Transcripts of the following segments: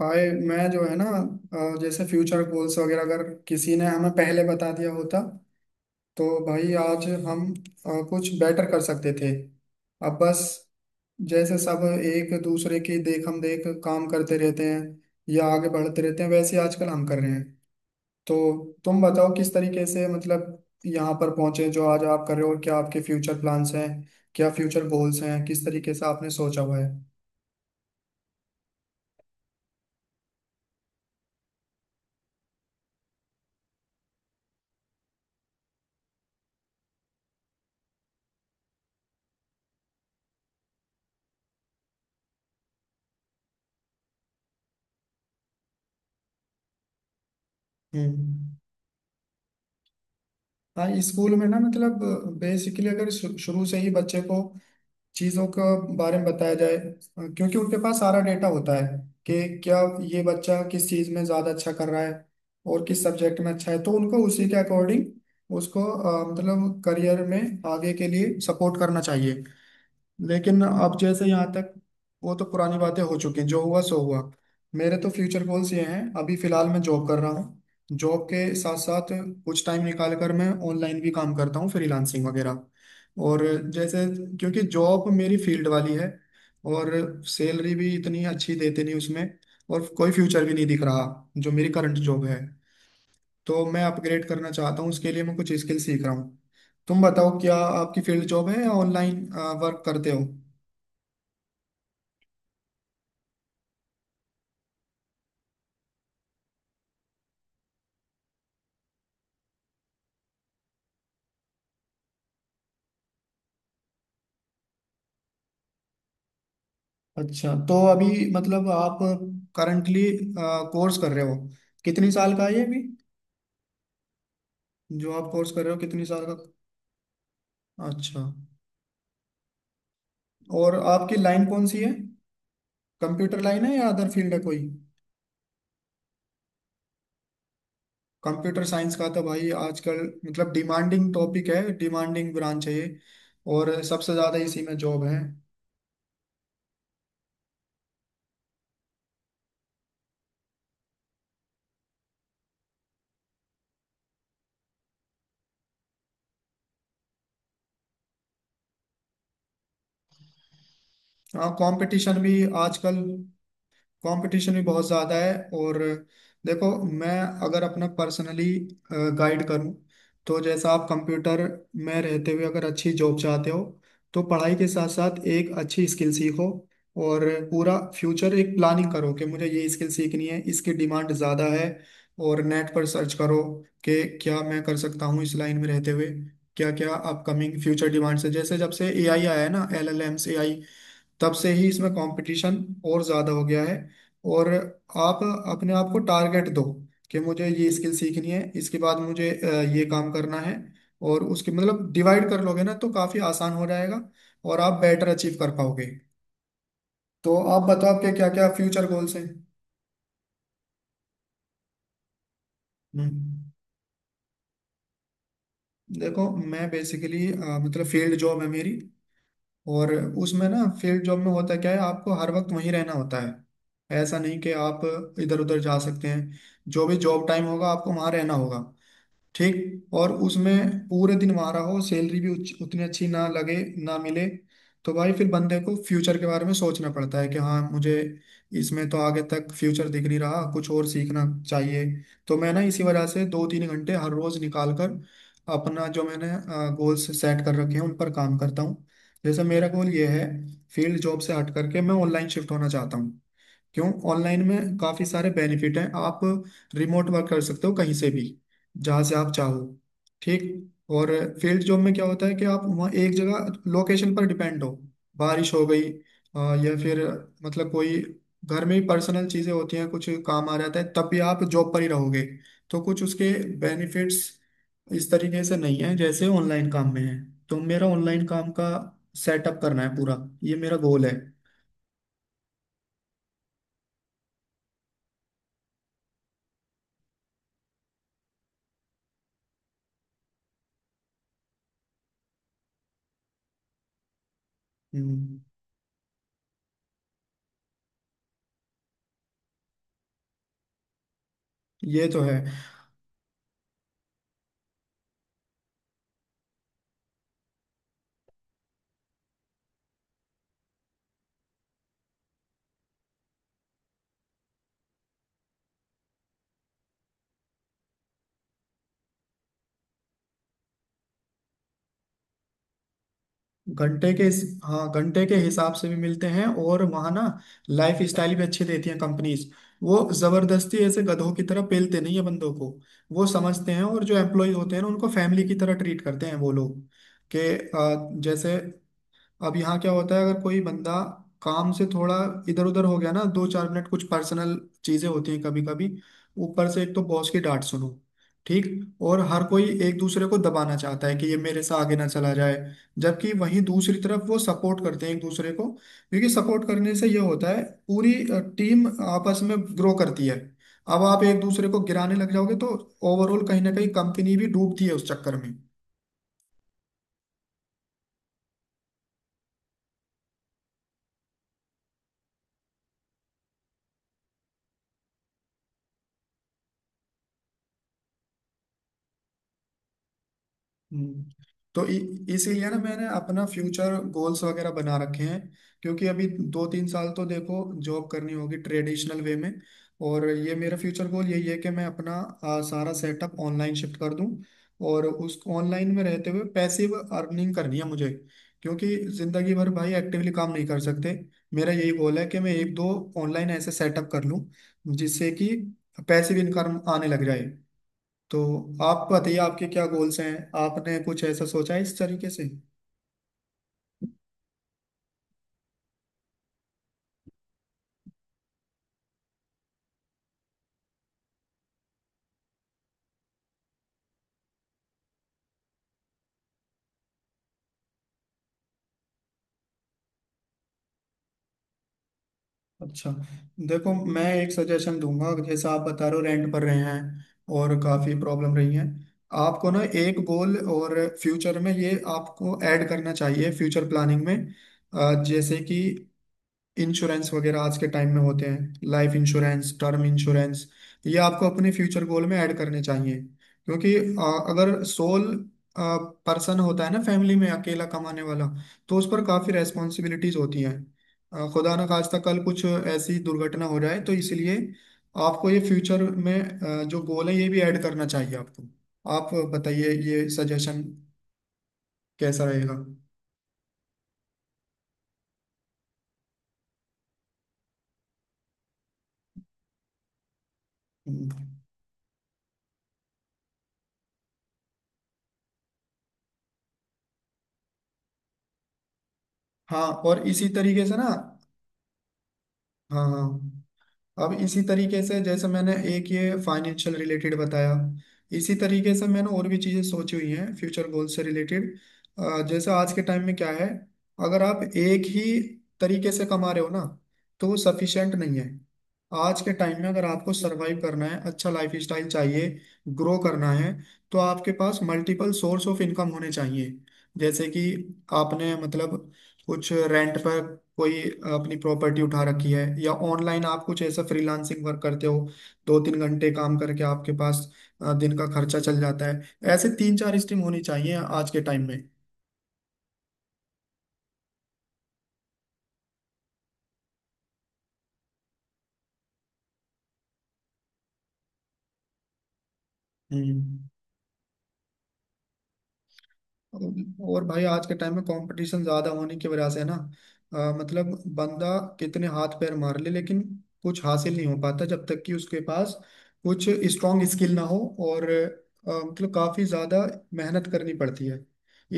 भाई, मैं जो है ना जैसे फ्यूचर गोल्स वगैरह, अगर किसी ने हमें पहले बता दिया होता तो भाई आज हम कुछ बेटर कर सकते थे। अब बस, जैसे सब एक दूसरे की देख हम देख काम करते रहते हैं या आगे बढ़ते रहते हैं वैसे ही आजकल हम कर रहे हैं। तो तुम बताओ किस तरीके से मतलब यहाँ पर पहुंचे जो आज आप कर रहे हो, और क्या आपके फ्यूचर प्लान्स हैं, क्या फ्यूचर गोल्स हैं, किस तरीके से आपने सोचा हुआ है? हम्म। हाँ, स्कूल में ना मतलब बेसिकली अगर शुरू से ही बच्चे को चीज़ों के बारे में बताया जाए, क्योंकि उनके पास सारा डेटा होता है कि क्या ये बच्चा किस चीज़ में ज़्यादा अच्छा कर रहा है और किस सब्जेक्ट में अच्छा है, तो उनको उसी के अकॉर्डिंग उसको मतलब करियर में आगे के लिए सपोर्ट करना चाहिए। लेकिन अब जैसे यहाँ तक, वो तो पुरानी बातें हो चुकी हैं, जो हुआ सो हुआ। मेरे तो फ्यूचर गोल्स ये हैं, अभी फिलहाल मैं जॉब कर रहा हूँ। जॉब के साथ साथ कुछ टाइम निकाल कर मैं ऑनलाइन भी काम करता हूँ, फ्रीलांसिंग वगैरह। और जैसे, क्योंकि जॉब मेरी फील्ड वाली है और सैलरी भी इतनी अच्छी देते नहीं उसमें, और कोई फ्यूचर भी नहीं दिख रहा जो मेरी करंट जॉब है, तो मैं अपग्रेड करना चाहता हूँ, उसके लिए मैं कुछ स्किल सीख रहा हूँ। तुम बताओ, क्या आपकी फील्ड जॉब है या ऑनलाइन वर्क करते हो? अच्छा, तो अभी मतलब आप करंटली कोर्स कर रहे हो, कितनी साल का है ये, अभी जो आप कोर्स कर रहे हो कितनी साल का? अच्छा, और आपकी लाइन कौन सी है, कंप्यूटर लाइन है या अदर फील्ड है कोई? कंप्यूटर साइंस का तो भाई आजकल मतलब डिमांडिंग टॉपिक है, डिमांडिंग ब्रांच है ये, और सबसे ज़्यादा इसी में जॉब है। हाँ कंपटीशन भी, आजकल कंपटीशन भी बहुत ज़्यादा है। और देखो, मैं अगर अपना पर्सनली गाइड करूं, तो जैसा आप कंप्यूटर में रहते हुए अगर अच्छी जॉब चाहते हो, तो पढ़ाई के साथ साथ एक अच्छी स्किल सीखो, और पूरा फ्यूचर एक प्लानिंग करो कि मुझे ये स्किल सीखनी है, इसकी डिमांड ज़्यादा है, और नेट पर सर्च करो कि क्या मैं कर सकता हूँ इस लाइन में रहते हुए, क्या क्या अपकमिंग फ्यूचर डिमांड्स है। जैसे जब से एआई आया है ना, एलएलएम्स, तब से ही इसमें कंपटीशन और ज़्यादा हो गया है। और आप अपने आप को टारगेट दो कि मुझे ये स्किल सीखनी है, इसके बाद मुझे ये काम करना है, और उसके मतलब डिवाइड कर लोगे ना तो काफ़ी आसान हो जाएगा, और आप बेटर अचीव कर पाओगे। तो आप बताओ आपके क्या क्या फ्यूचर गोल्स हैं? हम्म। देखो, मैं बेसिकली मतलब फील्ड जॉब है मेरी, और उसमें ना फील्ड जॉब में होता क्या है, आपको हर वक्त वहीं रहना होता है। ऐसा नहीं कि आप इधर उधर जा सकते हैं, जो भी जॉब टाइम होगा आपको वहां रहना होगा। ठीक, और उसमें पूरे दिन वहां रहो, सैलरी भी उतनी अच्छी ना लगे, ना मिले। तो भाई फिर बंदे को फ्यूचर के बारे में सोचना पड़ता है कि हाँ, मुझे इसमें तो आगे तक फ्यूचर दिख नहीं रहा, कुछ और सीखना चाहिए। तो मैं ना इसी वजह से दो तीन घंटे हर रोज निकाल कर अपना, जो मैंने गोल्स सेट कर रखे हैं, उन पर काम करता हूँ। जैसे मेरा गोल ये है, फील्ड जॉब से हट करके मैं ऑनलाइन शिफ्ट होना चाहता हूँ। क्यों? ऑनलाइन में काफी सारे बेनिफिट हैं, आप रिमोट वर्क कर सकते हो कहीं से भी, जहां से आप चाहो। ठीक। और फील्ड जॉब में क्या होता है कि आप वहाँ एक जगह लोकेशन पर डिपेंड हो, बारिश हो गई, या फिर मतलब कोई घर में ही पर्सनल चीजें होती हैं, कुछ काम आ जाता है, तब भी आप जॉब पर ही रहोगे। तो कुछ उसके बेनिफिट्स इस तरीके से नहीं है जैसे ऑनलाइन काम में है। तो मेरा ऑनलाइन काम का सेटअप करना है पूरा, ये मेरा गोल है। हम्म। ये तो है। हाँ, घंटे के हिसाब से भी मिलते हैं, और वहाँ ना लाइफ स्टाइल भी अच्छी देती हैं कंपनीज। वो जबरदस्ती ऐसे गधों की तरह पेलते नहीं है बंदों को, वो समझते हैं, और जो एम्प्लॉय होते हैं ना उनको फैमिली की तरह ट्रीट करते हैं वो लोग। के जैसे, अब यहाँ क्या होता है, अगर कोई बंदा काम से थोड़ा इधर उधर हो गया ना, दो चार मिनट, कुछ पर्सनल चीजें होती हैं कभी कभी, ऊपर से एक तो बॉस की डांट सुनो। ठीक। और हर कोई एक दूसरे को दबाना चाहता है कि ये मेरे से आगे ना चला जाए, जबकि वहीं दूसरी तरफ वो सपोर्ट करते हैं एक दूसरे को, क्योंकि सपोर्ट करने से ये होता है पूरी टीम आपस में ग्रो करती है। अब आप एक दूसरे को गिराने लग जाओगे तो ओवरऑल कहीं ना कहीं कंपनी भी डूबती है उस चक्कर में। हम्म। तो इसीलिए ना मैंने अपना फ्यूचर गोल्स वगैरह बना रखे हैं, क्योंकि अभी दो तीन साल तो देखो जॉब करनी होगी ट्रेडिशनल वे में, और ये मेरा फ्यूचर गोल यही है कि मैं अपना सारा सेटअप ऑनलाइन शिफ्ट कर दूं, और उस ऑनलाइन में रहते हुए पैसिव अर्निंग करनी है मुझे। क्योंकि जिंदगी भर भाई एक्टिवली काम नहीं कर सकते, मेरा यही गोल है कि मैं एक दो ऑनलाइन ऐसे सेटअप कर लूं जिससे कि पैसिव इनकम आने लग जाए। तो आप बताइए आपके क्या गोल्स हैं, आपने कुछ ऐसा सोचा है इस तरीके से? अच्छा, देखो मैं एक सजेशन दूंगा, जैसे आप बता रहे हो रेंट पर रहे हैं और काफ़ी प्रॉब्लम रही है। आपको ना एक गोल और फ्यूचर में ये आपको ऐड करना चाहिए फ्यूचर प्लानिंग में, जैसे कि इंश्योरेंस वगैरह आज के टाइम में होते हैं, लाइफ इंश्योरेंस, टर्म इंश्योरेंस, ये आपको अपने फ्यूचर गोल में ऐड करने चाहिए। क्योंकि अगर सोल पर्सन होता है ना, फैमिली में अकेला कमाने वाला, तो उस पर काफ़ी रेस्पॉन्सिबिलिटीज होती हैं। खुदा ना खास्ता कल कुछ ऐसी दुर्घटना हो जाए, तो इसलिए आपको ये फ्यूचर में जो गोल है ये भी ऐड करना चाहिए आपको। आप बताइए ये सजेशन कैसा रहेगा? हम्म। हाँ, और इसी तरीके से ना, हाँ हाँ, अब इसी तरीके से, जैसे मैंने एक ये फाइनेंशियल रिलेटेड बताया, इसी तरीके से मैंने और भी चीज़ें सोची हुई हैं फ्यूचर गोल से रिलेटेड। जैसे आज के टाइम में क्या है, अगर आप एक ही तरीके से कमा रहे हो ना, तो वो सफिशिएंट नहीं है। आज के टाइम में अगर आपको सरवाइव करना है, अच्छा लाइफ स्टाइल चाहिए, ग्रो करना है, तो आपके पास मल्टीपल सोर्स ऑफ इनकम होने चाहिए। जैसे कि आपने मतलब कुछ रेंट पर कोई अपनी प्रॉपर्टी उठा रखी है, या ऑनलाइन आप कुछ ऐसा फ्रीलांसिंग वर्क करते हो, दो तीन घंटे काम करके आपके पास दिन का खर्चा चल जाता है। ऐसे तीन चार स्ट्रीम होनी चाहिए आज के टाइम में। हम्म। और भाई आज के टाइम में कंपटीशन ज्यादा होने की वजह से ना मतलब बंदा कितने हाथ पैर मार ले, लेकिन कुछ हासिल नहीं हो पाता जब तक कि उसके पास कुछ स्ट्रांग स्किल ना हो, और मतलब काफी ज्यादा मेहनत करनी पड़ती है।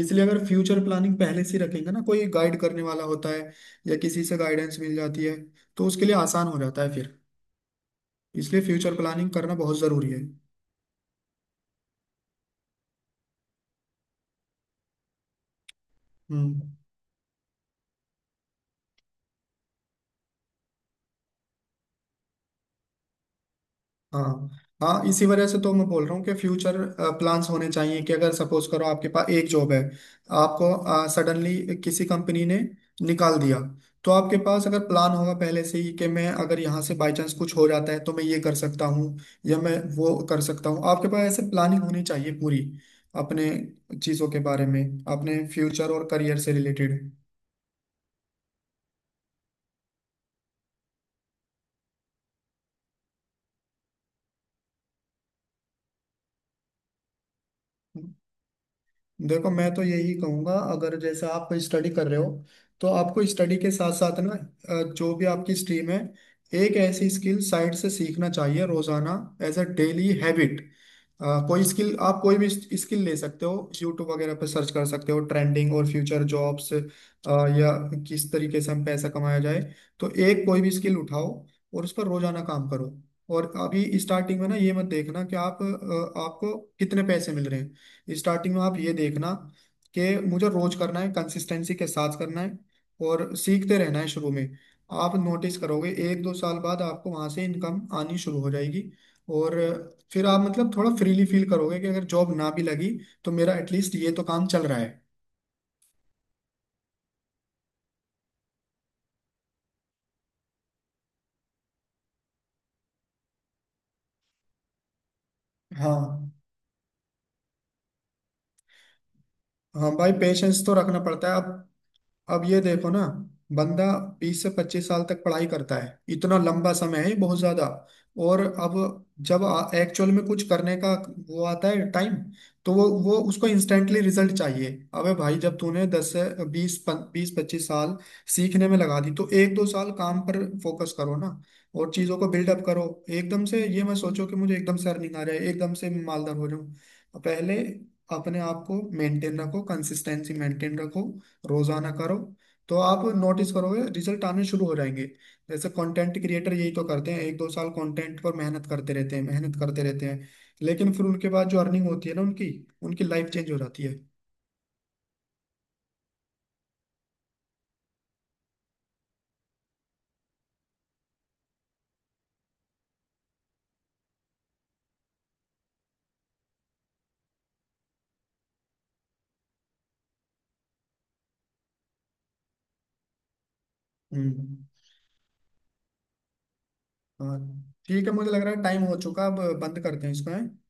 इसलिए अगर फ्यूचर प्लानिंग पहले से ही रखेंगे ना, कोई गाइड करने वाला होता है या किसी से गाइडेंस मिल जाती है, तो उसके लिए आसान हो जाता है फिर। इसलिए फ्यूचर प्लानिंग करना बहुत जरूरी है। हम्म। हाँ, हाँ, इसी वजह से तो मैं बोल रहा हूँ कि फ्यूचर प्लान्स होने चाहिए, कि अगर सपोज करो आपके पास एक जॉब है, आपको सडनली किसी कंपनी ने निकाल दिया, तो आपके पास अगर प्लान होगा पहले से ही, कि मैं अगर यहाँ से बाय चांस कुछ हो जाता है तो मैं ये कर सकता हूँ या मैं वो कर सकता हूँ, आपके पास ऐसे प्लानिंग होनी चाहिए पूरी अपने चीज़ों के बारे में, अपने फ्यूचर और करियर से रिलेटेड। देखो मैं तो यही कहूंगा, अगर जैसे आप स्टडी कर रहे हो तो आपको स्टडी के साथ साथ ना जो भी आपकी स्ट्रीम है, एक ऐसी स्किल साइड से सीखना चाहिए रोजाना, एज अ डेली हैबिट। कोई स्किल, आप कोई भी स्किल ले सकते हो, यूट्यूब वगैरह पर सर्च कर सकते हो ट्रेंडिंग और फ्यूचर जॉब्स या किस तरीके से हम पैसा कमाया जाए। तो एक कोई भी स्किल उठाओ और उस पर रोजाना काम करो। और अभी स्टार्टिंग में ना ये मत देखना कि आप आपको कितने पैसे मिल रहे हैं, स्टार्टिंग में आप ये देखना कि मुझे रोज करना है, कंसिस्टेंसी के साथ करना है और सीखते रहना है शुरू में। आप नोटिस करोगे एक दो साल बाद आपको वहां से इनकम आनी शुरू हो जाएगी, और फिर आप मतलब थोड़ा फ्रीली फील करोगे कि अगर जॉब ना भी लगी तो मेरा एटलीस्ट ये तो काम चल रहा है। हाँ। हाँ, भाई पेशेंस तो रखना पड़ता है अब। अब ये देखो ना, बंदा 20 से 25 साल तक पढ़ाई करता है, इतना लंबा समय है ये, बहुत ज्यादा। और अब जब एक्चुअल में कुछ करने का वो आता है टाइम, तो वो उसको इंस्टेंटली रिजल्ट चाहिए। अबे भाई, जब तूने दस से बीस बीस पच्चीस साल सीखने में लगा दी, तो एक दो साल काम पर फोकस करो ना, और चीजों को बिल्डअप करो। एकदम से ये मत सोचो कि मुझे एकदम से अर्निंग आ रहा है, एकदम से मालदार हो जाऊं। पहले अपने आप को मेंटेन रखो, कंसिस्टेंसी मेंटेन रखो, रोजाना करो, तो आप नोटिस करोगे रिजल्ट आने शुरू हो जाएंगे। जैसे कंटेंट क्रिएटर यही तो करते हैं, एक दो साल कंटेंट पर मेहनत करते रहते हैं, मेहनत करते रहते हैं, लेकिन फिर उनके बाद जो अर्निंग होती है ना उनकी उनकी लाइफ चेंज हो जाती है। हम्म। हाँ, ठीक है, मुझे लग रहा है टाइम हो चुका है, अब बंद करते हैं इसको है।